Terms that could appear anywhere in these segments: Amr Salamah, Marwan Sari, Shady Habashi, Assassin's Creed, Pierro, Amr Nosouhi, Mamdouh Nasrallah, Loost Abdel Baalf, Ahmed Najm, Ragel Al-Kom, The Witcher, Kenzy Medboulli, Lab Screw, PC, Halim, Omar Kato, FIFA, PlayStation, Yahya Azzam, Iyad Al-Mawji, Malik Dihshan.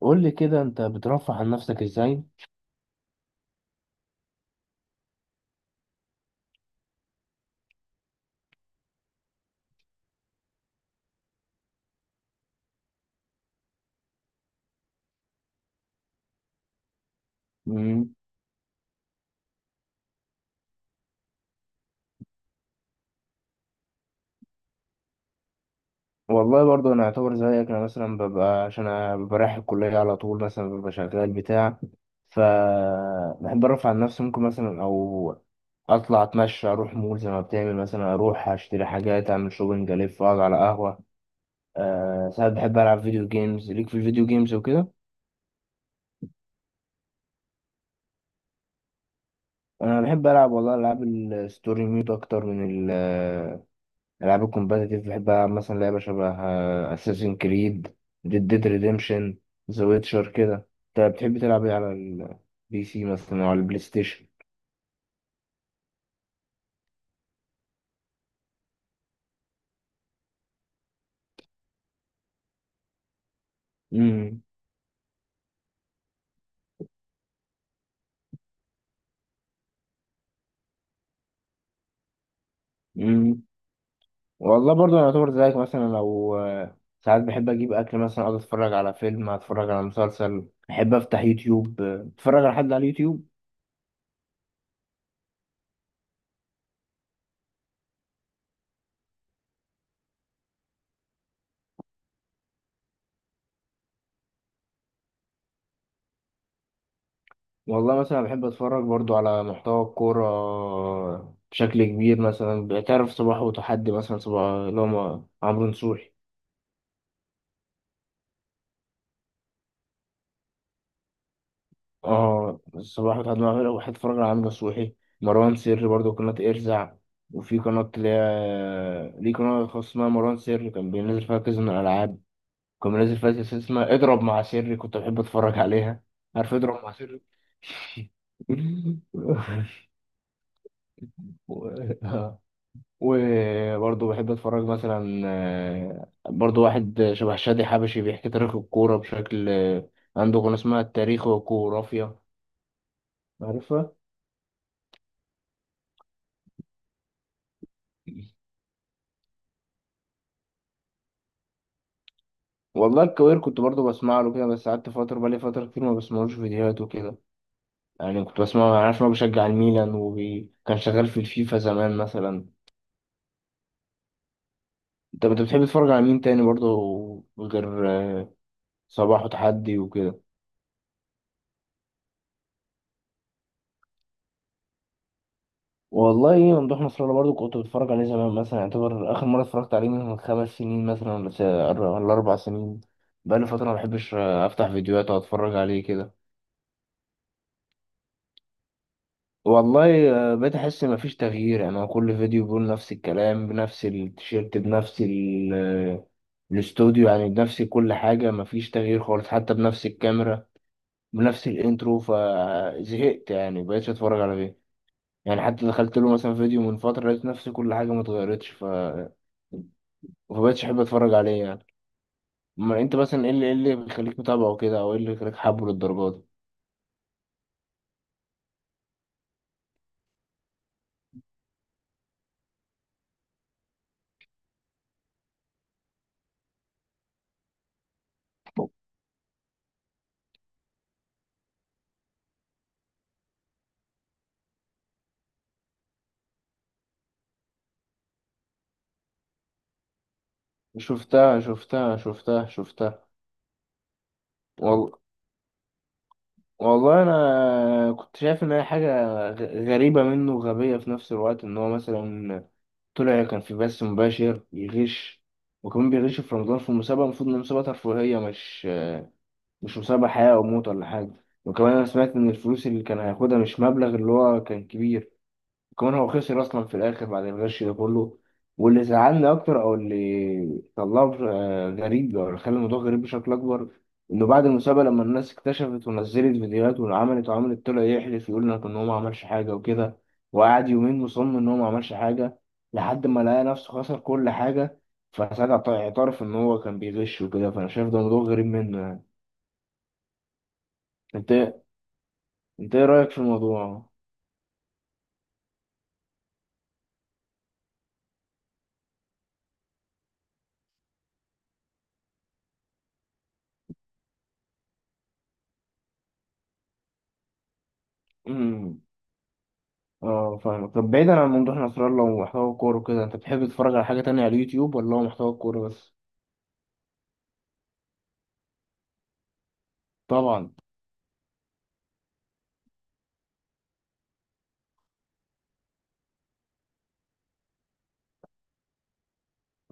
قول لي كده انت بترفه عن نفسك ازاي؟ مم. والله برضه انا اعتبر زيك. انا مثلا ببقى، عشان انا ببقى رايح الكليه على طول، مثلا ببقى شغال بتاع، ف بحب ارفع عن نفسي، ممكن مثلا او اطلع اتمشى، اروح مول زي ما بتعمل، مثلا اروح اشتري حاجات، اعمل شوبنج، الف، اقعد على قهوه. أه، ساعات بحب العب فيديو جيمز، ليك في الفيديو جيمز وكده. انا بحب العب والله العاب الستوري مود اكتر من العاب الكومباتيتيف. بحب العب مثلا لعبه شبه اساسين كريد، ديد ديد ريديمشن، ذا ويتشر كده. انت بتحب تلعب ايه على البي سي مثلا او على البلاي ستيشن؟ امم امم والله برضه انا اعتبر زيك. مثلا لو ساعات بحب اجيب اكل، مثلا اقعد اتفرج على فيلم، اتفرج على مسلسل، بحب افتح يوتيوب، اتفرج على حد على اليوتيوب. والله مثلا بحب اتفرج برضو على محتوى الكورة بشكل كبير. مثلا بتعرف صباح وتحدي، مثلا صباح اللي هو عمرو نصوحي. اه صباح وتحد، معامل وحيد، اتفرج على عامر نصوحي. مروان سري برضه قناة ارزع، وفي قناة اللي هي ليه قناة خاصة اسمها مروان سري، كان بينزل فيها كذا من الألعاب، كان بينزل فيها سلسلة اسمها اضرب مع سري، كنت بحب اتفرج عليها. عارف اضرب مع سري. و- وبرضه بحب اتفرج مثلا برضه واحد شبه شادي حبشي بيحكي تاريخ الكورة بشكل، عنده قناة اسمها التاريخ والجغرافيا. عارفها؟ والله الكوير كنت برضو بسمع له كده، بس قعدت فترة، بقالي فترة كتير ما بسمعلوش فيديوهات وكده يعني. كنت بسمعه، أنا عارف إن هو بيشجع الميلان وكان شغال في الفيفا زمان مثلا. أنت بتحب تتفرج على مين تاني برضو غير صباح وتحدي وكده؟ والله ممدوح نصر الله برضو كنت بتفرج عليه زمان مثلا. يعتبر آخر مرة اتفرجت عليه من خمس سنين مثلا، ولا ولا أربع سنين. بقالي فترة ما بحبش أفتح فيديوهات وأتفرج عليه كده. والله بقيت احس مفيش تغيير. يعني هو كل فيديو بيقول نفس الكلام بنفس التيشيرت بنفس الاستوديو، يعني بنفس كل حاجة، مفيش تغيير خالص، حتى بنفس الكاميرا بنفس الانترو. فزهقت يعني، مبقتش اتفرج على فيديو يعني. حتى دخلت له مثلا فيديو من فترة، لقيت نفس كل حاجة متغيرتش، فمبقتش احب اتفرج عليه يعني. اما انت مثلا ايه اللي بيخليك متابعه كده، او ايه اللي بيخليك حابه للدرجة؟ دي شفتها شفتها شفتها شفتها. والله والله انا كنت شايف ان هي حاجه غريبه منه وغبيه في نفس الوقت. ان هو مثلا طلع كان في بث مباشر يغش، وكمان بيغش في رمضان في مسابقه، المفروض ان مسابقه ترفيهيه، مش مسابقه حياه او موت ولا حاجه. وكمان انا سمعت ان الفلوس اللي كان هياخدها مش مبلغ اللي هو كان كبير، كمان هو خسر اصلا في الاخر بعد الغش ده كله. واللي زعلني اكتر، او اللي طلعه غريب، او اللي خلى الموضوع غريب بشكل اكبر، انه بعد المسابقه لما الناس اكتشفت ونزلت فيديوهات وعملت وعملت، طلع يحلف يقول لك ان هو ما عملش حاجه وكده، وقعد يومين مصمم ان هو ما عملش حاجه، لحد ما لقى نفسه خسر كل حاجه. فساعتها اعترف ان هو كان بيغش وكده. فانا شايف ده موضوع غريب منه يعني. انت إيه، انت ايه رايك في الموضوع؟ اه فاهمك. طب بعيدا عن موضوع نصر الله ومحتوى الكورة وكده، انت بتحب تتفرج على حاجة تانية على اليوتيوب ولا هو محتوى الكورة بس؟ طبعا.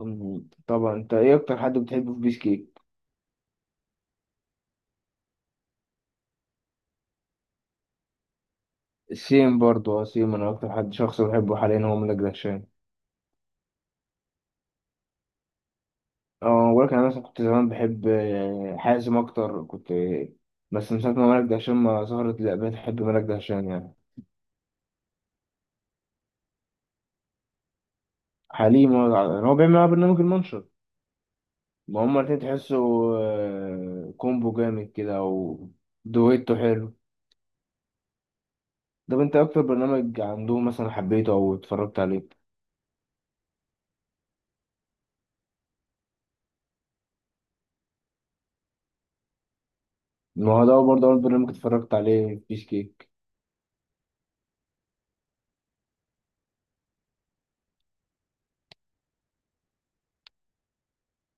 طبعا انت ايه اكتر حد بتحبه في بيس كيك؟ سيم برضه، اه سيم. انا اكتر حد شخص بحبه حاليا هو ملك دهشان. اه ولكن انا مثلا كنت زمان بحب حازم اكتر. كنت بس من ساعة ما ملك دهشان ما ظهرت، لا بقيت احب ملك دهشان يعني. حليم هو بيعمل معاه برنامج المنشط. ما هما الاتنين تحسوا كومبو جامد كده، او دويتو حلو. طب انت ايه اكتر برنامج عندهم مثلا حبيته او اتفرجت عليه؟ ما هو ده برضه اول برنامج اتفرجت عليه بيس كيك.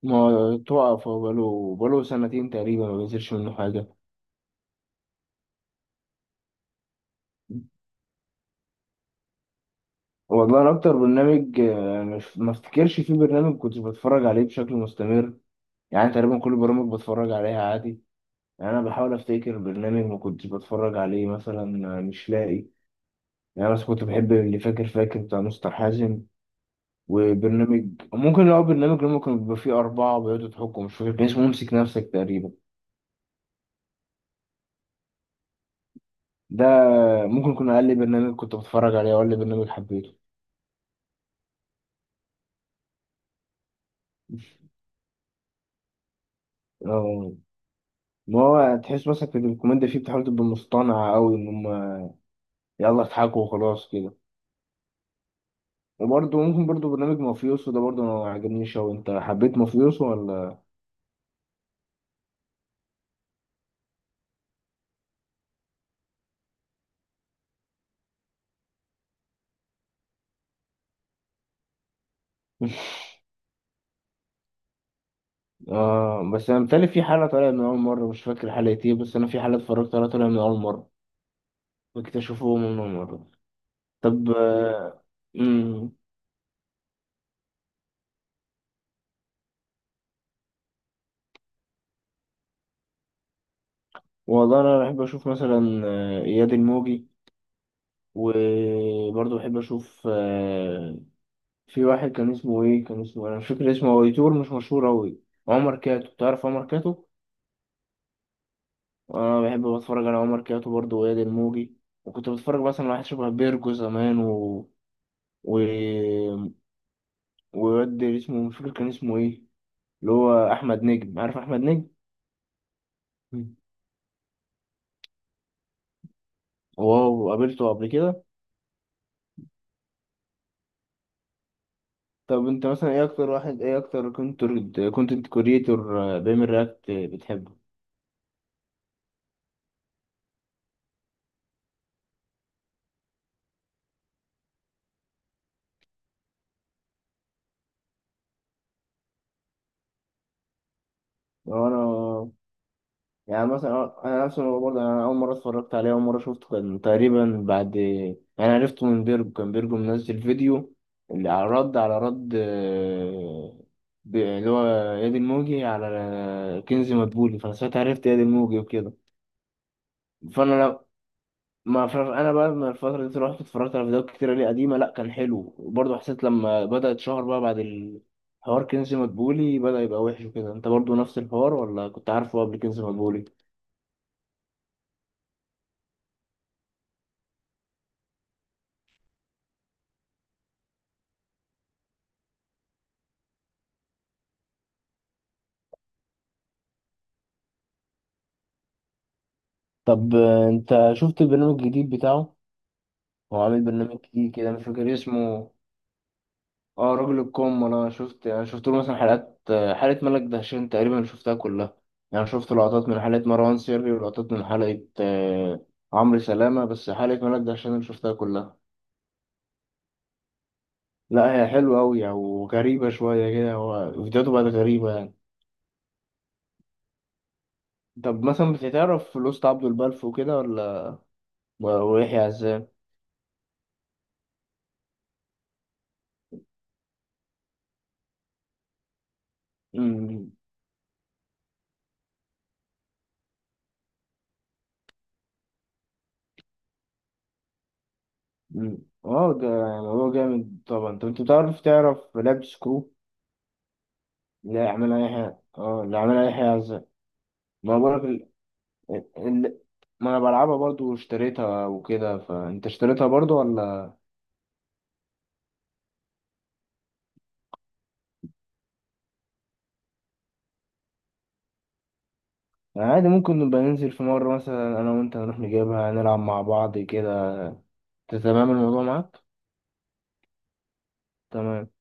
ما هو توقف. هو بقاله سنتين تقريبا ما بينزلش منه حاجة. والله انا اكتر برنامج مش، ما افتكرش في برنامج كنت بتفرج عليه بشكل مستمر. يعني تقريبا كل البرامج بتفرج عليها عادي. يعني انا بحاول افتكر برنامج ما كنتش بتفرج عليه مثلا، مش لاقي. يعني انا بس كنت بحب اللي فاكر فاكر بتاع مستر حازم. وبرنامج ممكن، لو برنامج اللي ممكن بيبقى فيه أربعة بيقعدوا يضحكوا، مش فاكر كان اسمه امسك نفسك تقريبا. ده ممكن يكون أقل برنامج كنت بتفرج عليه، أو أقل برنامج حبيته. اه ما هو تحس مثلا في الكوميديا فيه بتحاول تبقى مصطنعة أوي، إن هما يلا اضحكوا وخلاص كده. وبرضه ممكن برضه برنامج مافيوسو ده برضه ما عجبنيش أوي. أنت حبيت مافيوسو ولا؟ آه بس أنا متهيألي في حلقة طالعة من أول مرة، مش فاكر حلقة إيه، بس أنا في حلقة اتفرجت عليها طالعة من أول مرة. بكتشفوه من أول مرة. طب مم. والله انا بحب اشوف مثلا اياد الموجي. وبرضه بحب اشوف في واحد كان اسمه ايه، كان اسمه، انا مش فاكر اسمه، هو يوتيوبر مش مشهور اوي. عمر كاتو، تعرف عمر كاتو؟ انا بحب اتفرج على عمر كاتو برضه واياد الموجي. وكنت بتفرج مثلا على واحد شبه بيرجو زمان و وواد اسمه مش فاكر كان اسمه ايه، اللي هو احمد نجم. عارف احمد نجم؟ مم. واو، قابلته قبل كده؟ طب انت مثلا ايه اكتر واحد، ايه اكتر كنت، كونتنت كوريتور بيعمل رياكت بتحبه؟ لو انا يعني، مثلا انا نفسي، انا برضه يعني، انا اول مره اتفرجت عليه، اول مره شفته، كان تقريبا بعد، يعني انا عرفته من بيرجو، كان بيرجو منزل فيديو اللي على رد اللي هو ياد الموجي على كنزي مدبولي. فانا ساعتها عرفت ياد الموجي وكده. فانا ما ف- انا بقى من الفتره دي رحت اتفرجت على فيديوهات كتير ليه قديمه، لا كان حلو. وبرضه حسيت لما بدا اتشهر بقى بعد الحوار كنز مدبولي بدا يبقى وحش وكده. انت برضه نفس الحوار، ولا كنت عارفه قبل كنز مدبولي؟ طب انت شفت البرنامج الجديد بتاعه؟ هو عامل برنامج جديد كده مش فاكر اسمه. اه راجل الكوم. انا شفت، انا شفت له مثلا حلقات حلقه ملك دهشان تقريبا شفتها كلها. يعني شفت لقطات من حلقه مروان سري ولقطات من حلقه عمرو سلامه، بس حلقه ملك دهشان أنا شفتها كلها. لا هي حلوة أوي يعني، وغريبة شوية كده. هو فيديوهاته بقت غريبة يعني. طب مثلا بتتعرف لوست عبد البلف وكده ولا؟ و- ويحيى عزام؟ أمم، أمم. اه ده يعني هو جامد طبعا. طب انت بتعرف، تعرف لاب سكرو اللي عملها يحيى؟ اه اللي عملها يحيى عزام. ما أنا بقولك ال... ما انا بلعبها برضو واشتريتها وكده. فانت اشتريتها برضو ولا؟ يعني عادي، ممكن نبقى ننزل في مرة مثلا انا وانت، نروح نجيبها، نلعب مع بعض كده. انت تمام الموضوع معاك؟ تمام.